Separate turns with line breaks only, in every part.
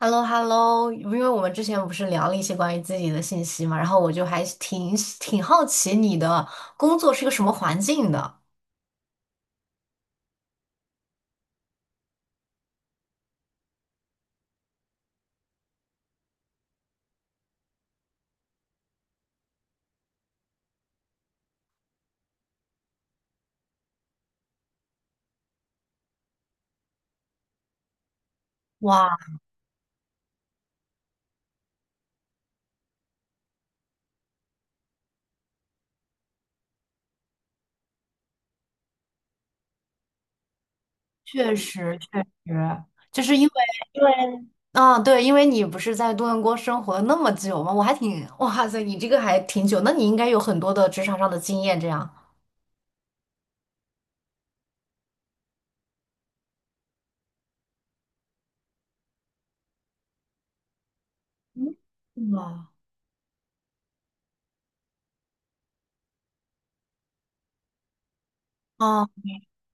h e l l o h e l l o 因为我们之前不是聊了一些关于自己的信息嘛，然后我就还挺好奇你的工作是个什么环境的。哇，确实，就是因为，啊，对，因为你不是在多伦多生活了那么久嘛，我还挺，哇塞，你这个还挺久，那你应该有很多的职场上的经验，这样。嗯，哇，哦，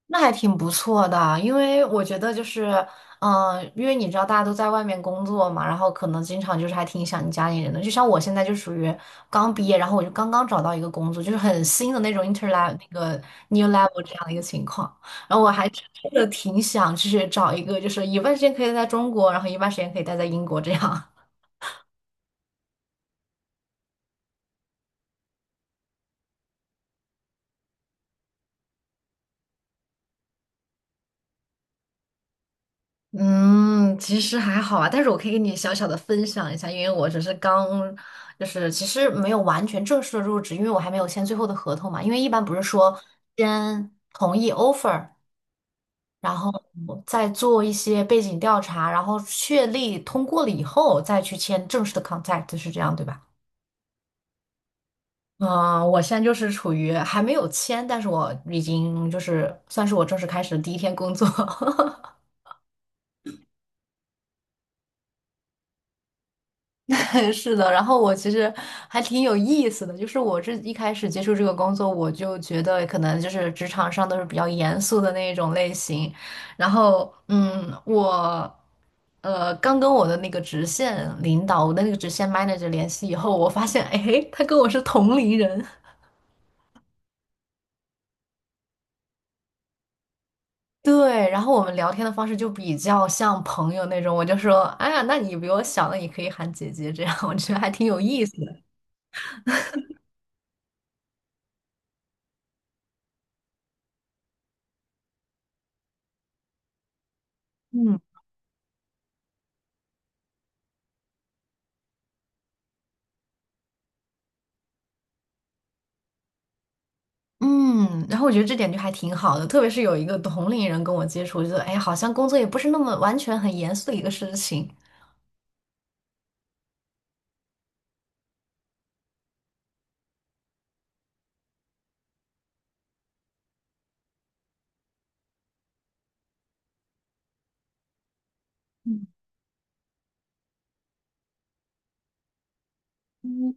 那还挺不错的啊，因为我觉得就是，嗯、因为你知道大家都在外面工作嘛，然后可能经常就是还挺想你家里人的。就像我现在就属于刚毕业，然后我就刚刚找到一个工作，就是很新的那种 inter l e v e 那个 new level 这样的一个情况。然后我还真的挺想就是找一个，就是一半时间可以在中国，然后一半时间可以待在英国这样。嗯，其实还好啊，但是我可以给你小小的分享一下，因为我只是刚，就是其实没有完全正式的入职，因为我还没有签最后的合同嘛。因为一般不是说先同意 offer，然后再做一些背景调查，然后确立通过了以后再去签正式的 contract，是这样对吧？嗯，我现在就是处于还没有签，但是我已经就是算是我正式开始的第一天工作。是的，然后我其实还挺有意思的，就是我这一开始接触这个工作，我就觉得可能就是职场上都是比较严肃的那一种类型，然后嗯，我刚跟我的那个直线领导，我的那个直线 manager 联系以后，我发现哎，他跟我是同龄人。对，然后我们聊天的方式就比较像朋友那种，我就说，哎呀，那你比我小，那你可以喊姐姐，这样我觉得还挺有意思的。嗯。嗯，然后我觉得这点就还挺好的，特别是有一个同龄人跟我接触，我觉得哎，好像工作也不是那么完全很严肃的一个事情。嗯，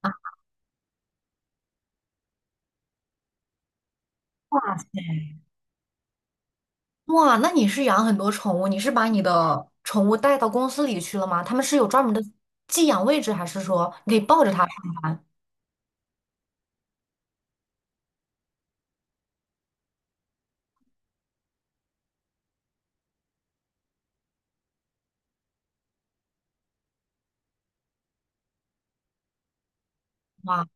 啊。哇，那你是养很多宠物，你是把你的宠物带到公司里去了吗？他们是有专门的寄养位置，还是说你可以抱着它上班？哇，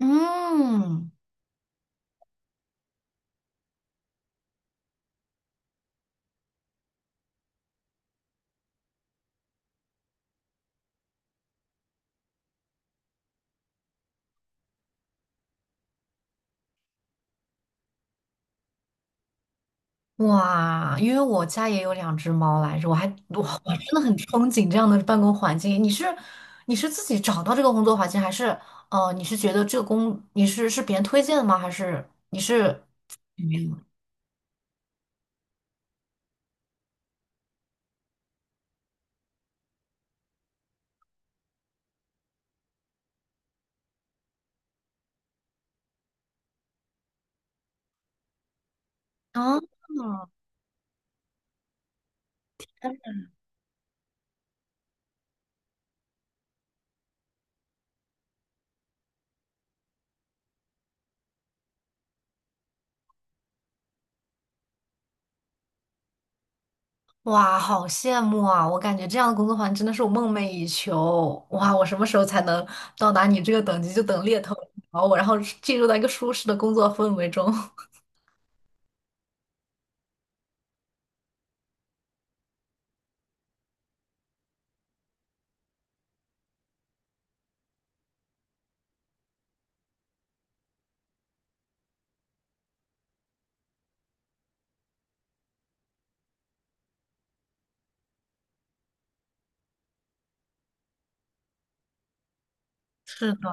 嗯。哇，因为我家也有两只猫来着，我还我我真的很憧憬这样的办公环境。你是你是自己找到这个工作环境，还是你是觉得这个工你是是别人推荐的吗？还是你是，嗯，啊，哇，好羡慕啊！我感觉这样的工作环境真的是我梦寐以求。哇，我什么时候才能到达你这个等级？就等猎头找我，然后进入到一个舒适的工作氛围中。是的。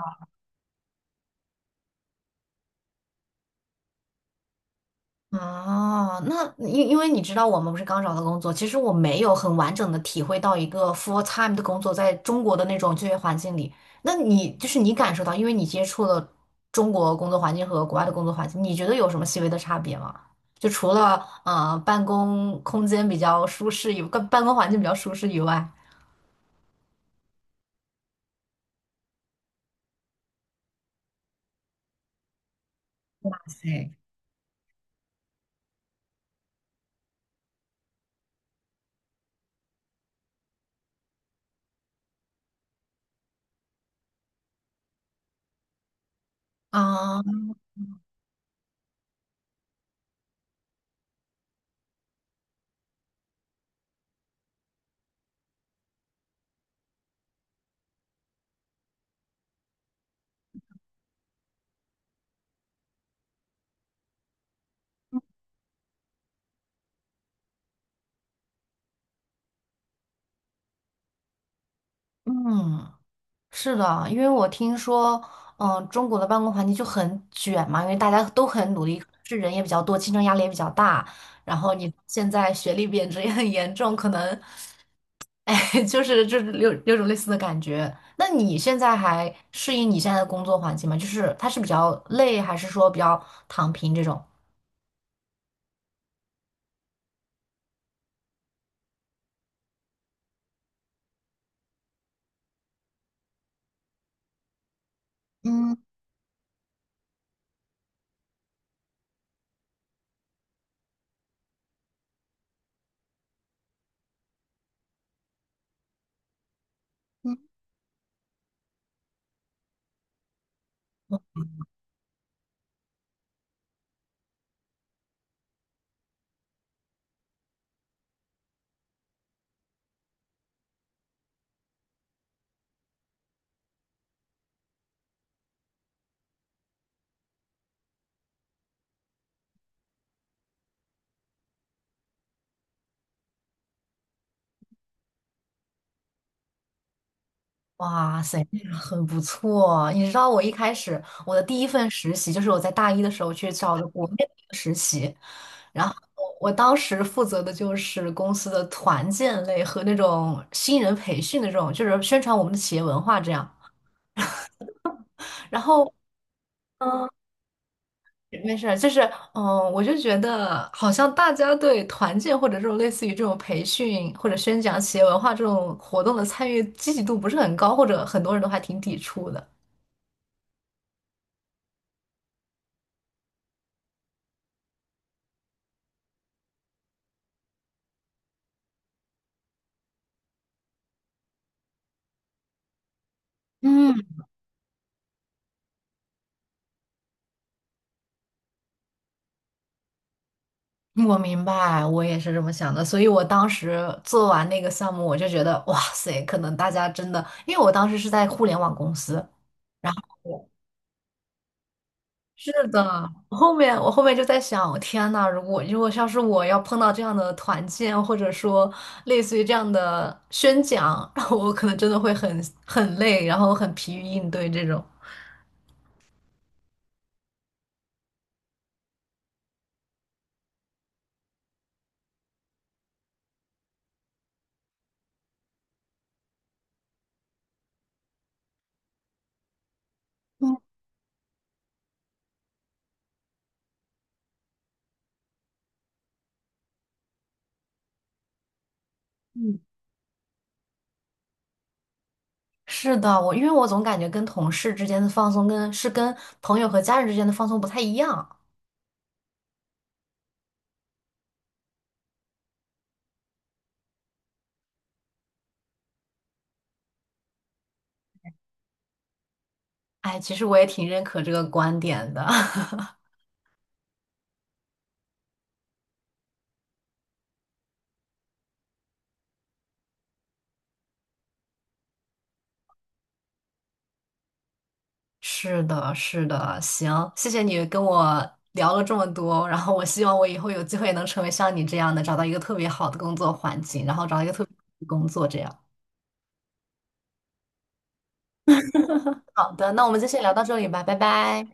哦，那因因为你知道，我们不是刚找到工作，其实我没有很完整的体会到一个 full time 的工作在中国的那种就业环境里。那你就是你感受到，因为你接触了中国工作环境和国外的工作环境，你觉得有什么细微的差别吗？就除了办公空间比较舒适以，办公环境比较舒适以外，对，啊，嗯。是的，因为我听说，嗯、中国的办公环境就很卷嘛，因为大家都很努力，是人也比较多，竞争压力也比较大。然后你现在学历贬值也很严重，可能，哎，就是就是种类似的感觉。那你现在还适应你现在的工作环境吗？就是它是比较累，还是说比较躺平这种？嗯，嗯。哇塞，那很不错。你知道我一开始我的第一份实习就是我在大一的时候去找的国内的一个实习，然后我当时负责的就是公司的团建类和那种新人培训的这种，就是宣传我们的企业文化这样。然后，嗯，没事儿，就是嗯，我就觉得好像大家对团建或者这种类似于这种培训或者宣讲企业文化这种活动的参与积极度不是很高，或者很多人都还挺抵触的。嗯。我明白，我也是这么想的，所以我当时做完那个项目，我就觉得，哇塞，可能大家真的，因为我当时是在互联网公司，然后我，是的，我后面就在想，天呐，如果像是我要碰到这样的团建，或者说类似于这样的宣讲，我可能真的会很累，然后很疲于应对这种。嗯，嗯，是的，我因为我总感觉跟同事之间的放松跟是跟朋友和家人之间的放松不太一样。哎，其实我也挺认可这个观点的。是的，是的，行，谢谢你跟我聊了这么多，然后我希望我以后有机会能成为像你这样的，找到一个特别好的工作环境，然后找到一个特别好的工作这样。好的，那我们就先聊到这里吧，拜拜。